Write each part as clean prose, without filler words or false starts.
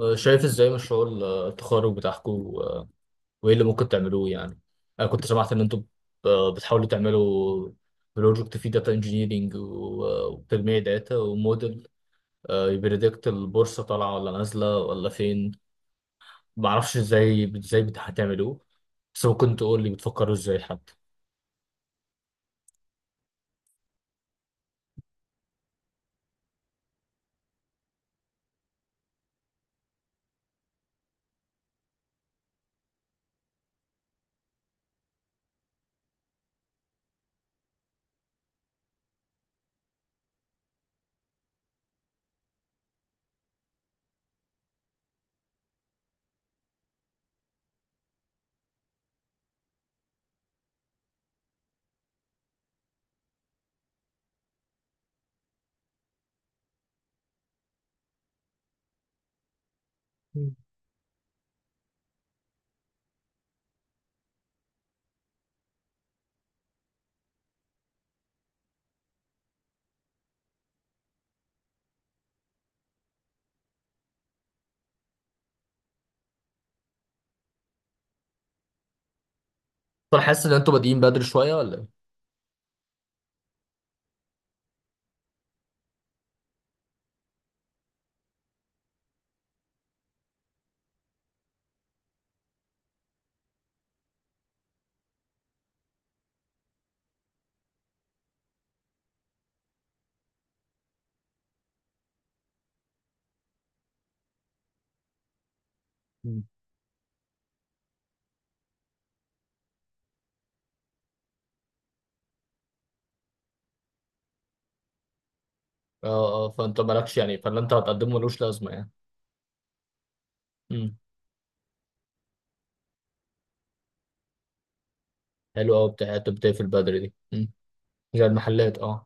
آه، شايف ازاي مشروع التخرج بتاعكم وايه اللي ممكن تعملوه يعني. انا كنت سمعت ان انتم بتحاولوا تعملوا بروجكت فيه داتا انجينيرينج وتجميع داتا وموديل يبريدكت البورصه طالعه ولا نازله ولا فين. معرفش ازاي ازاي هتعملوه، بس ممكن تقول لي بتفكروا ازاي حتى. مم. طب حاسس ان انتم بادئين بدري شويه ولا ايه؟ مم. اه اه، فانت مالكش يعني، فاللي انت هتقدمه ملوش لازمه يعني. امم، حلو قوي بتاع التبدأ في البدري دي. امم، زي المحلات اه.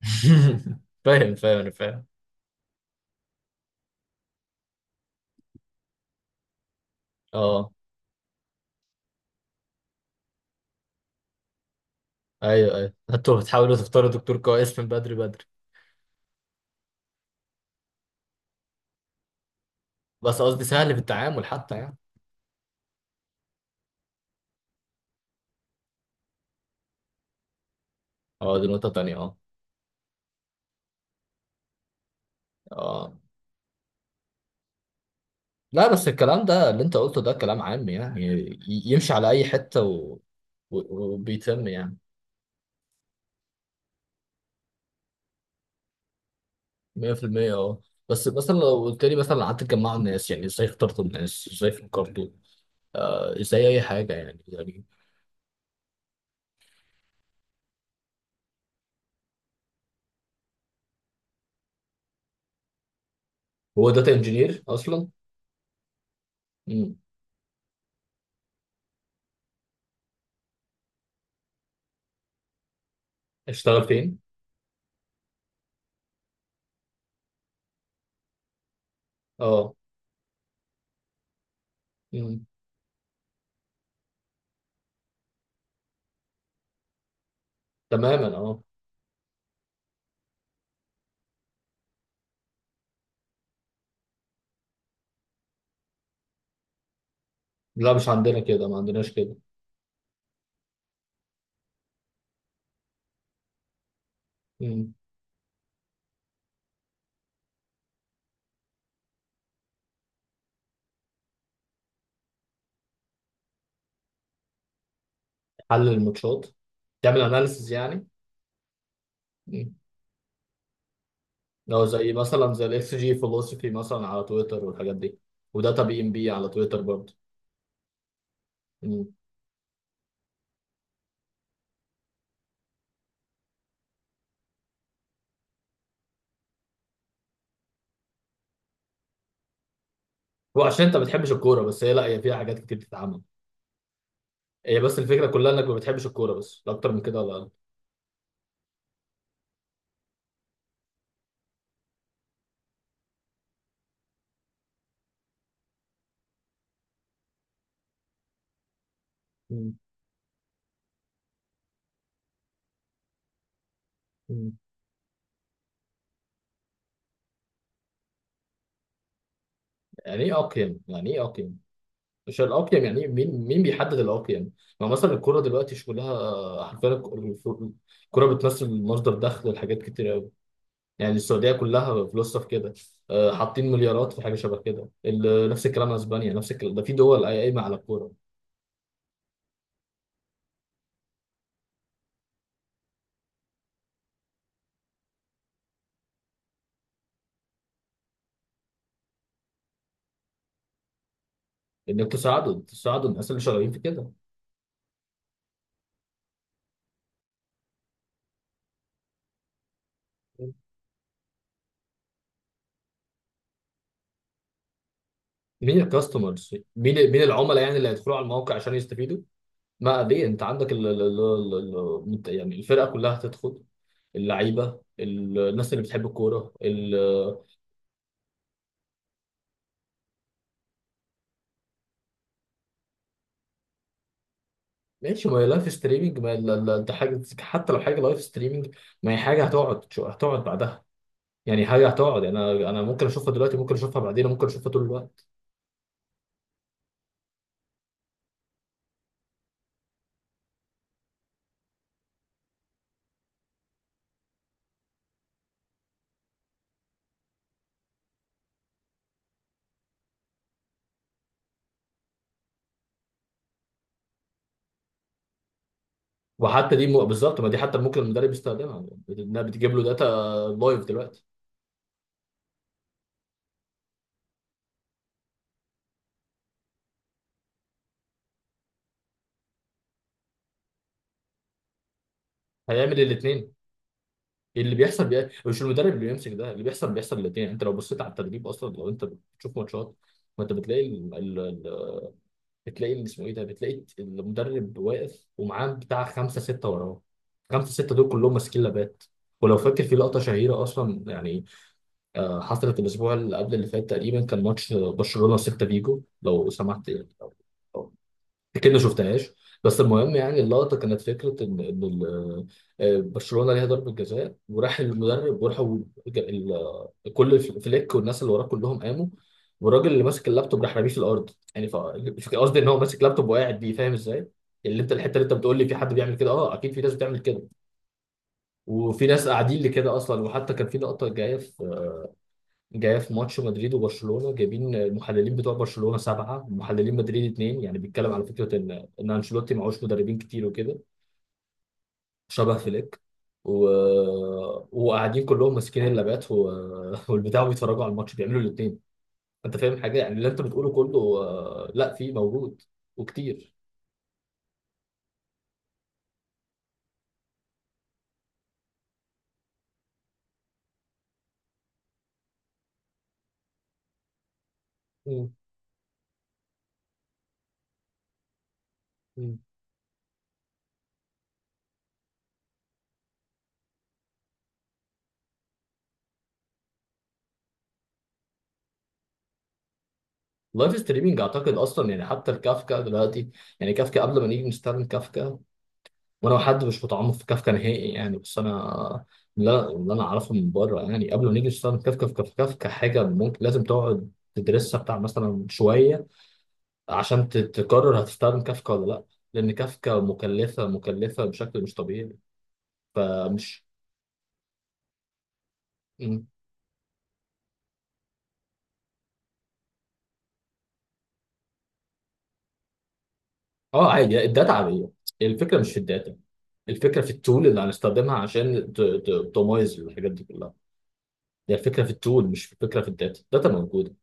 فاهم فاهم، انا فاهم. اه ايوه ايوه، انتوا بتحاولوا تختاروا دكتور كويس من بدري بدري، بس قصدي سهل في التعامل حتى يعني. اه، دي نقطة تانية. اه اه، لا بس الكلام ده اللي انت قلته ده كلام عام يعني، يمشي على اي حتة و... وبيتم يعني. 100%. اه بس مثلا لو قلت لي، مثلا قعدت تجمعوا الناس، يعني ازاي اخترتوا الناس، ازاي فكرتوا، آه ازاي اي حاجة يعني يعني. هو داتا انجينير اصلا؟ مم. اشتغل فين؟ اه. مم. تماما اه. لا مش عندنا كده، ما عندناش كده. مم. حل الماتشات؟ تعمل اناليسز يعني؟ مم. لو زي مثلا زي الاكس جي فيلوسفي مثلا على تويتر والحاجات دي، وداتا بي ام بي على تويتر برضه. مم. هو عشان انت ما بتحبش الكوره بس؟ هي لا، هي فيها حاجات كتير بتتعمل. هي بس الفكره كلها انك ما بتحبش الكوره بس، لا اكتر من كده ولا اقل. مم. مم. يعني ايه اقيم؟ يعني ايه اقيم؟ مش الاقيم يعني إيه؟ مين مين بيحدد الاقيم؟ ما مثلا الكوره دلوقتي شغلها حرفيا. الكوره بتمثل مصدر دخل لحاجات كتير قوي. يعني السعوديه كلها فلوسها في كده. آه، حاطين مليارات في حاجه شبه كده، نفس الكلام اسبانيا، نفس الكلام. ده في دول قايمه على الكوره. انك تساعدوا تساعدوا الناس اللي شغالين في كده. مين الكاستمرز؟ مين مين العملاء يعني؟ اللي هيدخلوا على الموقع عشان يستفيدوا. ما ليه، انت عندك ال ال يعني الفرقه كلها هتدخل، اللعيبه، الناس اللي بتحب الكوره ماشي، ما هي لايف ستريمنج، ما انت حاجه، حتى لو حاجه لايف ستريمنج ما هي حاجه هتقعد، هتقعد بعدها. يعني حاجه هتقعد، يعني انا ممكن اشوفها دلوقتي، ممكن اشوفها بعدين، ممكن اشوفها طول الوقت. وحتى دي بالظبط، ما دي حتى ممكن المدرب يستخدمها، انها بتجيب له داتا لايف دلوقتي. هيعمل الاثنين. اللي بيحصل مش المدرب اللي بيمسك ده اللي بيحصل. بيحصل الاثنين. انت لو بصيت على التدريب اصلا، لو انت بتشوف ماتشات، ما انت بتلاقي بتلاقي اللي اسمه ايه ده، بتلاقي المدرب واقف ومعاه بتاع خمسه سته وراه، خمسه سته دول كلهم ماسكين لابات. ولو فاكر في لقطه شهيره اصلا يعني، آه، حصلت الأسبوع اللي قبل اللي فات تقريبا، كان ماتش برشلونة وسيلتا فيجو، لو سمحت يعني، لو أكيد ما شفتهاش. بس المهم يعني، اللقطة كانت فكرة إن آه، برشلونة ليها ضربة جزاء، وراح المدرب وراحوا، ج- ال- كل فليك والناس اللي وراه كلهم قاموا، والراجل اللي ماسك اللابتوب راح راميه في الأرض. يعني قصدي إن هو ماسك لابتوب وقاعد بيه، فاهم إزاي؟ يعني اللي انت، الحته اللي انت بتقول لي في حد بيعمل كده، اه اكيد في ناس بتعمل كده، وفي ناس قاعدين لكده اصلا. وحتى كان في لقطه جايه في، جايه في ماتش مدريد وبرشلونه، جايبين المحللين بتوع برشلونه سبعه ومحللين مدريد اتنين. يعني بيتكلم على فكره ان انشيلوتي معهوش مدربين كتير وكده، شبه فليك. و... وقاعدين كلهم ماسكين اللابات والبتاع بيتفرجوا على الماتش، بيعملوا الاثنين. انت فاهم حاجه يعني؟ اللي انت بتقوله كله آه، لا في موجود، وكتير. مم. مم. لايف ستريمينج اعتقد اصلا يعني، حتى الكافكا دلوقتي، يعني كافكا قبل ما نيجي نستخدم كافكا، وانا حد مش متعمق في كافكا نهائي يعني، بس انا لا، اللي انا اعرفه من بره يعني قبل ما نيجي نشتغل كافكا في كافكا، كافكا حاجه ممكن لازم تقعد تدرسها بتاع مثلا شويه، عشان تقرر هتستخدم كافكا ولا لا. لان كافكا مكلفه، مكلفه بشكل مش طبيعي. فمش. م. اه عادي، الداتا عاديه. الفكره مش في الداتا، الفكره في التول اللي هنستخدمها عشان تمايز الحاجات دي كلها. هي الفكره في التول مش في، الفكره في الداتا، الداتا موجوده.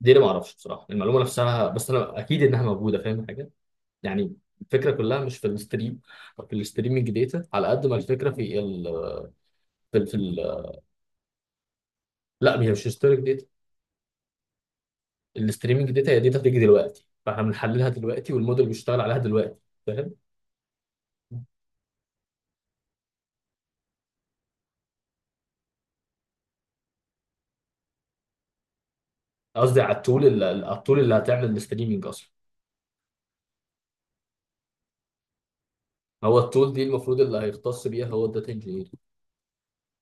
دي اللي ما اعرفش بصراحه، المعلومه نفسها، بس انا اكيد انها موجوده. فاهم حاجه يعني، الفكره كلها مش في الستريم أو في الستريمنج داتا، على قد ما الفكره في ال لا هي مش هيستوريك داتا. الستريمنج داتا هي داتا بتيجي دلوقتي، فاحنا بنحللها دلوقتي، والموديل بيشتغل عليها دلوقتي، فاهم. قصدي على التول على التول اللي هتعمل الستريمنج اصلا. هو التول دي المفروض اللي هيختص بيها هو الداتا انجينير.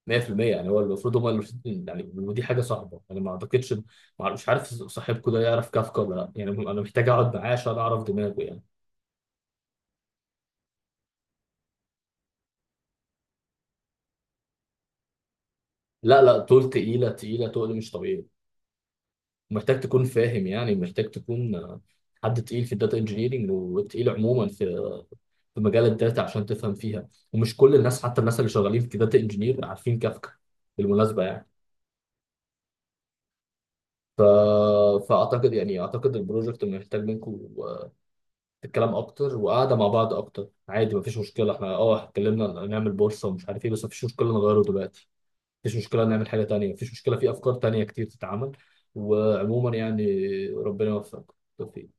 100% يعني، هو المفروض، هم المفروض يعني. ودي حاجه صعبه، انا ما اعتقدش. مش عارف صاحبكم ده يعرف كافكا ولا لا يعني، انا محتاج اقعد معاه عشان اعرف دماغه يعني. لا لا، طول تقيله، تقيله تقل مش طبيعي. محتاج تكون فاهم يعني، محتاج تكون آه، حد تقيل في الداتا انجينيرنج، وتقيل عموما في، في مجال الداتا، عشان تفهم فيها. ومش كل الناس، حتى الناس اللي شغالين في داتا انجينير عارفين كافكا، بالمناسبه يعني. ف... فاعتقد يعني، اعتقد البروجكت محتاج منكم الكلام اكتر، وقعده مع بعض اكتر. عادي مفيش مشكله، احنا اه اتكلمنا نعمل بورصه ومش عارف ايه، بس مفيش مشكله نغيره دلوقتي، مفيش مشكله نعمل حاجه تانية، مفيش مشكله، في افكار تانية كتير تتعمل. وعموما يعني، ربنا يوفقك، بالتوفيق.